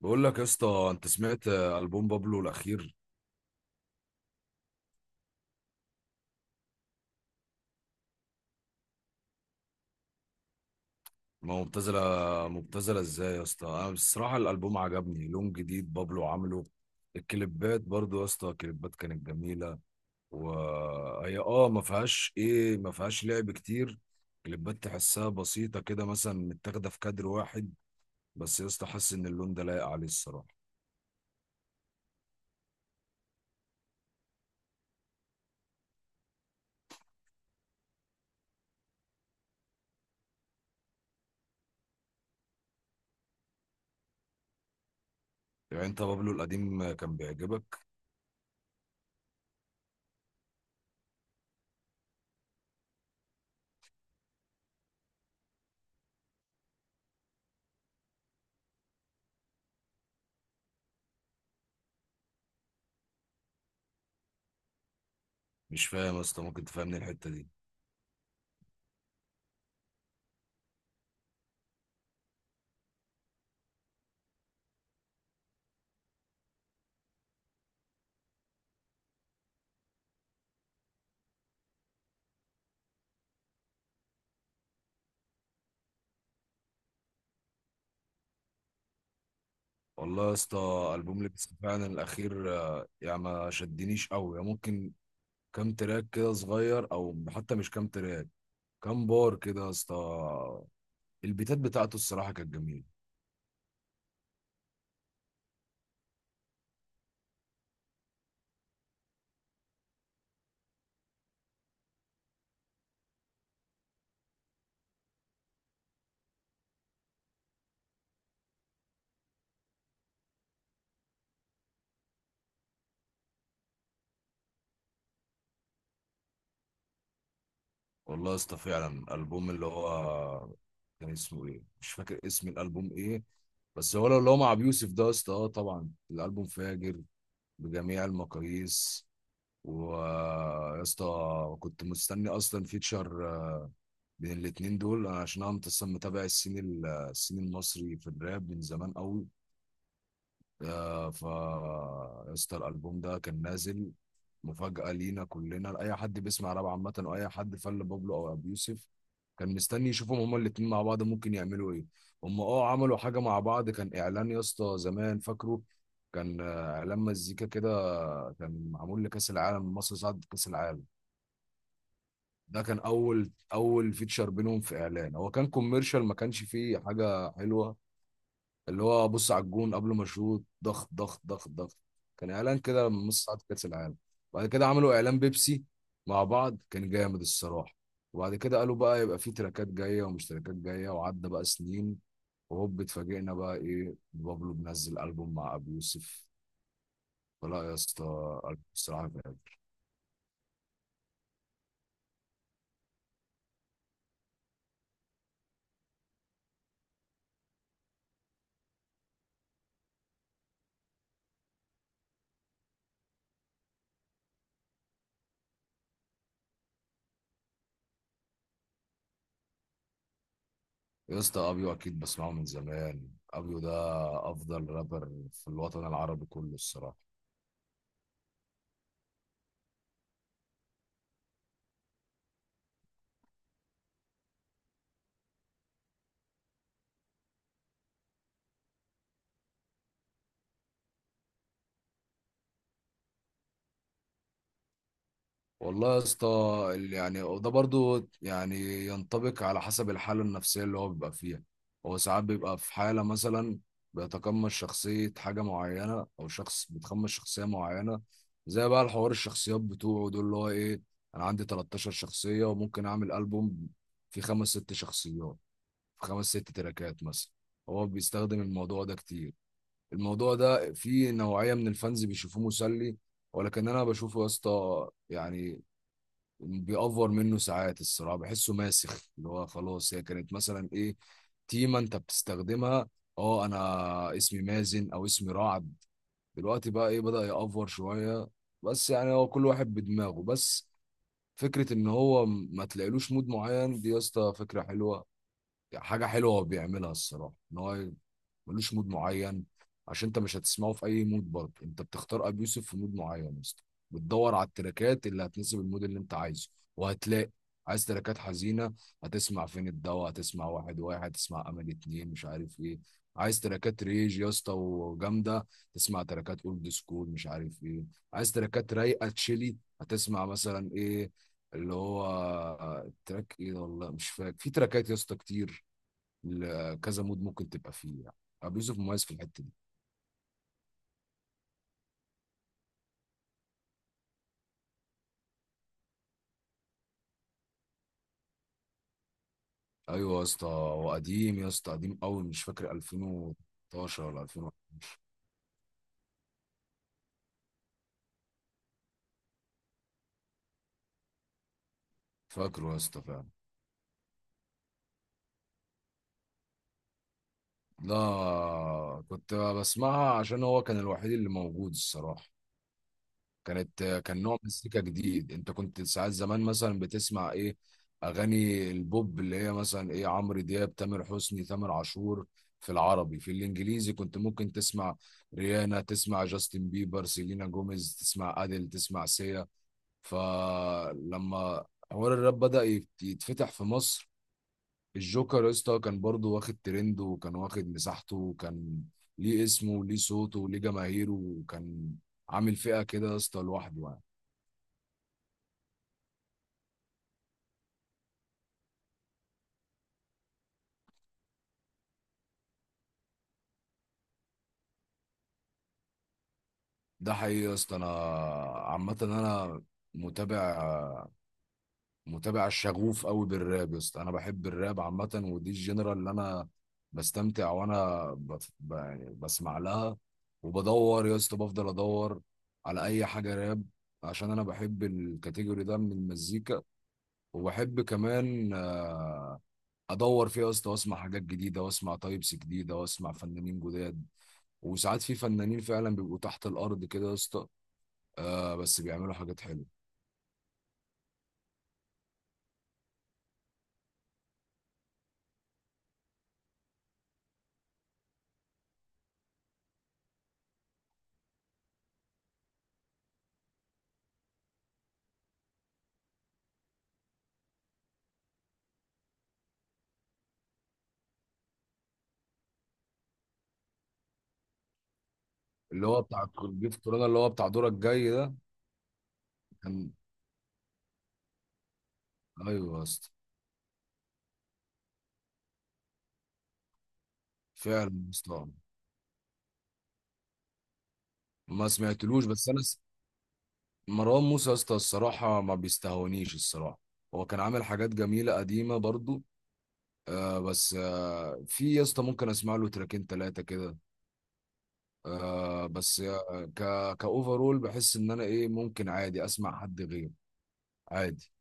بقول لك يا اسطى، انت سمعت البوم بابلو الاخير؟ ما هو مبتذله، مبتذله ازاي يا اسطى؟ انا الصراحه الالبوم عجبني، لون جديد بابلو عامله. الكليبات برضو يا اسطى الكليبات كانت جميله، وهي ما فيهاش ايه، ما فيهاش لعب كتير. كليبات تحسها بسيطه كده، مثلا متاخده في كادر واحد. بس يا اسطى حاسس ان اللون ده لايق عليه الصراحه. يعني انت بابلو القديم كان بيعجبك؟ مش فاهم يا اسطى، ممكن تفهمني الحته دي. والله يا اسطى البوم لبس فعلا الاخير يعني ما شدنيش قوي. يعني ممكن كام تراك كده صغير، او حتى مش كام تراك، كام بار كده يا اسطى. البيتات بتاعته الصراحه كانت جميله. والله يا اسطى فعلا البوم اللي هو كان اسمه ايه، مش فاكر اسم الالبوم ايه. بس هو لو اللي هو مع ابو يوسف ده يا اسطى، طبعا الالبوم فاجر بجميع المقاييس. ويا اسطى كنت مستني اصلا فيتشر بين الاتنين دول، عشان انا اصلا متابع السين المصري في الراب من زمان قوي. آه، ف يا اسطى الالبوم ده كان نازل مفاجأة لينا كلنا، لأي حد بيسمع راب عامة، وأي حد فل بابلو أو أبو يوسف كان مستني يشوفهم هما الاتنين مع بعض ممكن يعملوا إيه. هما أه عملوا حاجة مع بعض، كان إعلان يا اسطى زمان فاكره، كان إعلان مزيكا كده، كان معمول لكأس العالم، مصر صعد كأس العالم. ده كان اول اول فيتشر بينهم، في اعلان هو كان كوميرشال، ما كانش فيه حاجه حلوه. اللي هو بص على الجون قبل ما اشوط، ضغط ضغط ضغط ضغط. كان اعلان كده من نص ساعه كاس العالم. بعد كده عملوا اعلان بيبسي مع بعض، كان جامد الصراحه. وبعد كده قالوا بقى يبقى فيه تراكات جايه ومش تراكات جايه، وعدى بقى سنين، وهوب اتفاجئنا بقى ايه، بابلو بنزل البوم مع ابو يوسف. فلا يا اسطى البوم الصراحه. يا اسطى ابيو اكيد بسمعه من زمان، ابيو ده افضل رابر في الوطن العربي كله الصراحه. والله يا اسطى يعني وده برضو يعني ينطبق على حسب الحاله النفسيه اللي هو بيبقى فيها. هو ساعات بيبقى في حاله مثلا بيتقمص شخصيه حاجه معينه، او شخص بيتقمص شخصيه معينه. زي بقى الحوار الشخصيات بتوعه دول اللي هو ايه، انا عندي 13 شخصيه وممكن اعمل البوم فيه خمس ست شخصيات، في خمس ست تراكات مثلا. هو بيستخدم الموضوع ده كتير. الموضوع ده فيه نوعية من الفانز بيشوفوه مسلي، ولكن انا بشوفه يا اسطى يعني بيأفور منه ساعات الصراحة، بحسه ماسخ. اللي هو خلاص هي كانت مثلا ايه، تيمة انت بتستخدمها، اه انا اسمي مازن او اسمي رعد. دلوقتي بقى ايه بدأ يأفور شوية. بس يعني هو كل واحد بدماغه. بس فكرة ان هو ما تلاقيلوش مود معين، دي يا اسطى فكرة حلوة. حاجة حلوة هو بيعملها الصراحة، ان هو ملوش مود معين. عشان انت مش هتسمعه في اي مود، برضه انت بتختار ابي يوسف في مود معين مثلا، بتدور على التراكات اللي هتناسب المود اللي انت عايزه، وهتلاقي. عايز تراكات حزينه، هتسمع فين الدوا، هتسمع واحد واحد، تسمع امل اتنين، مش عارف ايه. عايز تراكات ريج يا اسطى وجامده، تسمع تراكات اولد سكول مش عارف ايه. عايز تراكات رايقه تشيلي، هتسمع مثلا ايه، اللي هو تراك ايه، والله مش فاكر، في تراكات يا اسطى كتير. كذا مود ممكن تبقى فيه يعني. ابو يوسف مميز في الحته دي. ايوه يا اسطى هو قديم يا اسطى، قديم قوي، مش فاكر 2012 ولا 2000. فاكره يا اسطى فعلا. لا كنت بسمعها عشان هو كان الوحيد اللي موجود الصراحه. كانت، كان نوع مزيكا جديد. انت كنت ساعات زمان مثلا بتسمع ايه، اغاني البوب اللي هي مثلا ايه، عمرو دياب، تامر حسني، تامر عاشور. في العربي في الانجليزي كنت ممكن تسمع ريانا، تسمع جاستن بيبر، سيلينا جوميز، تسمع اديل، تسمع سيا. فلما حوار الراب بدأ يتفتح في مصر، الجوكر يا اسطى كان برضه واخد ترند، وكان واخد مساحته، وكان ليه اسمه وليه صوته وليه جماهيره، وكان عامل فئة كده يا اسطى لوحده يعني. ده حقيقي يا اسطى. انا عامة انا متابع متابع شغوف قوي بالراب يا اسطى. انا بحب الراب عامة، ودي الجنرال اللي انا بستمتع وانا يعني بسمع لها. وبدور يا اسطى، بفضل ادور على اي حاجة راب، عشان انا بحب الكاتيجوري ده من المزيكا. وبحب كمان ادور فيها يا اسطى، واسمع حاجات جديدة، واسمع تايبس جديدة، واسمع فنانين جداد. وساعات في فنانين فعلا بيبقوا تحت الارض كده يا اسطى، آه بس بيعملوا حاجات حلوه. اللي هو بتاع جيف كورونا، اللي هو بتاع دورك الجاي ده، كان ايوه يا اسطى. فعلا يا اسطى ما سمعتلوش، بس مروان موسى يا اسطى الصراحه ما بيستهونيش الصراحه. هو كان عامل حاجات جميله قديمه برضو. آه بس آه، في يا اسطى ممكن اسمع له تراكين ثلاثه كده. آه بس آه، كاوفرول بحس ان انا ايه، ممكن عادي اسمع حد غيره عادي.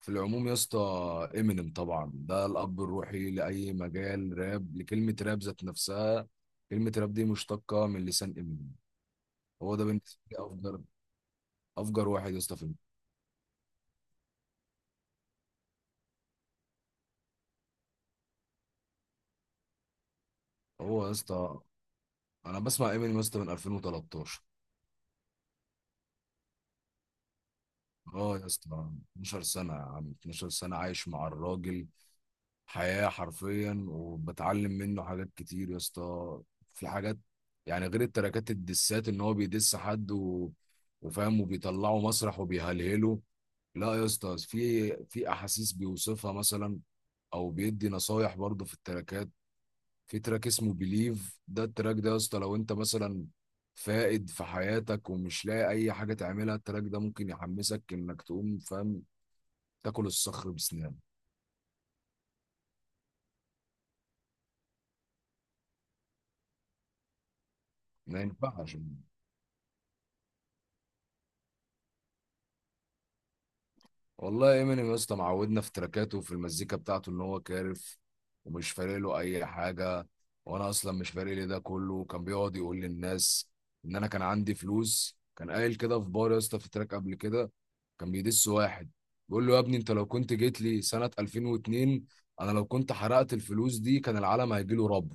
في العموم يا اسطى امينيم طبعا، ده الاب الروحي لاي مجال راب، لكلمه راب ذات نفسها. كلمه راب دي مشتقه من لسان امينيم. هو ده بالنسبه لي افجر، افجر واحد يا اسطى في هو يا اسطى انا بسمع امينيم يا اسطى من 2013. اه يا اسطى، 12 سنه يا عم، 12 سنه عايش مع الراجل حياة حرفيا، وبتعلم منه حاجات كتير يا اسطى. في حاجات يعني غير التراكات الدسات ان هو بيدس وفاهم وبيطلعه مسرح وبيهلهله. لا يا اسطى، في في احاسيس بيوصفها مثلا، او بيدي نصايح برضه في التراكات. في تراك اسمه بليف، ده التراك ده يا اسطى لو انت مثلا فائد في حياتك ومش لاقي اي حاجه تعملها، التراك ده ممكن يحمسك انك تقوم، فاهم، تاكل الصخر بسنان. ما ينفعش. والله امينيم يا اسطى معودنا في تراكاته وفي المزيكا بتاعته ان هو كارف، ومش فارق له اي حاجه. وانا اصلا مش فارق لي. ده كله كان بيقعد يقول للناس ان انا كان عندي فلوس، كان قايل كده في بار يا اسطى في تراك قبل كده، كان بيدس واحد بيقول له، يا ابني انت لو كنت جيت لي سنه 2002، انا لو كنت حرقت الفلوس دي، كان العالم هيجي له رب.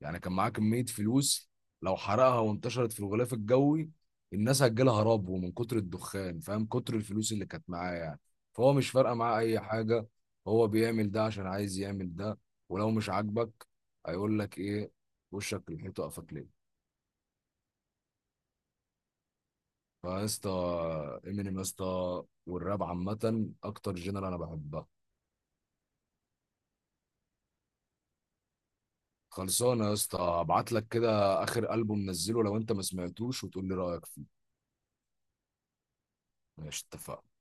يعني كان معاه كميه فلوس، لو حرقها وانتشرت في الغلاف الجوي، الناس هتجيلها رب، ومن كتر الدخان فاهم، كتر الفلوس اللي كانت معاه يعني. فهو مش فارقه معاه اي حاجه، هو بيعمل ده عشان عايز يعمل ده. ولو مش عاجبك، هيقول لك ايه، وشك للحيط وقفك ليه. فيا اسطى امينيم يا اسطى، والراب عامه اكتر جنرال انا بحبها. خلصانه يا اسطى، ابعت لك كده اخر البوم نزله لو انت ما سمعتوش، وتقول لي رايك فيه. ماشي اتفقنا.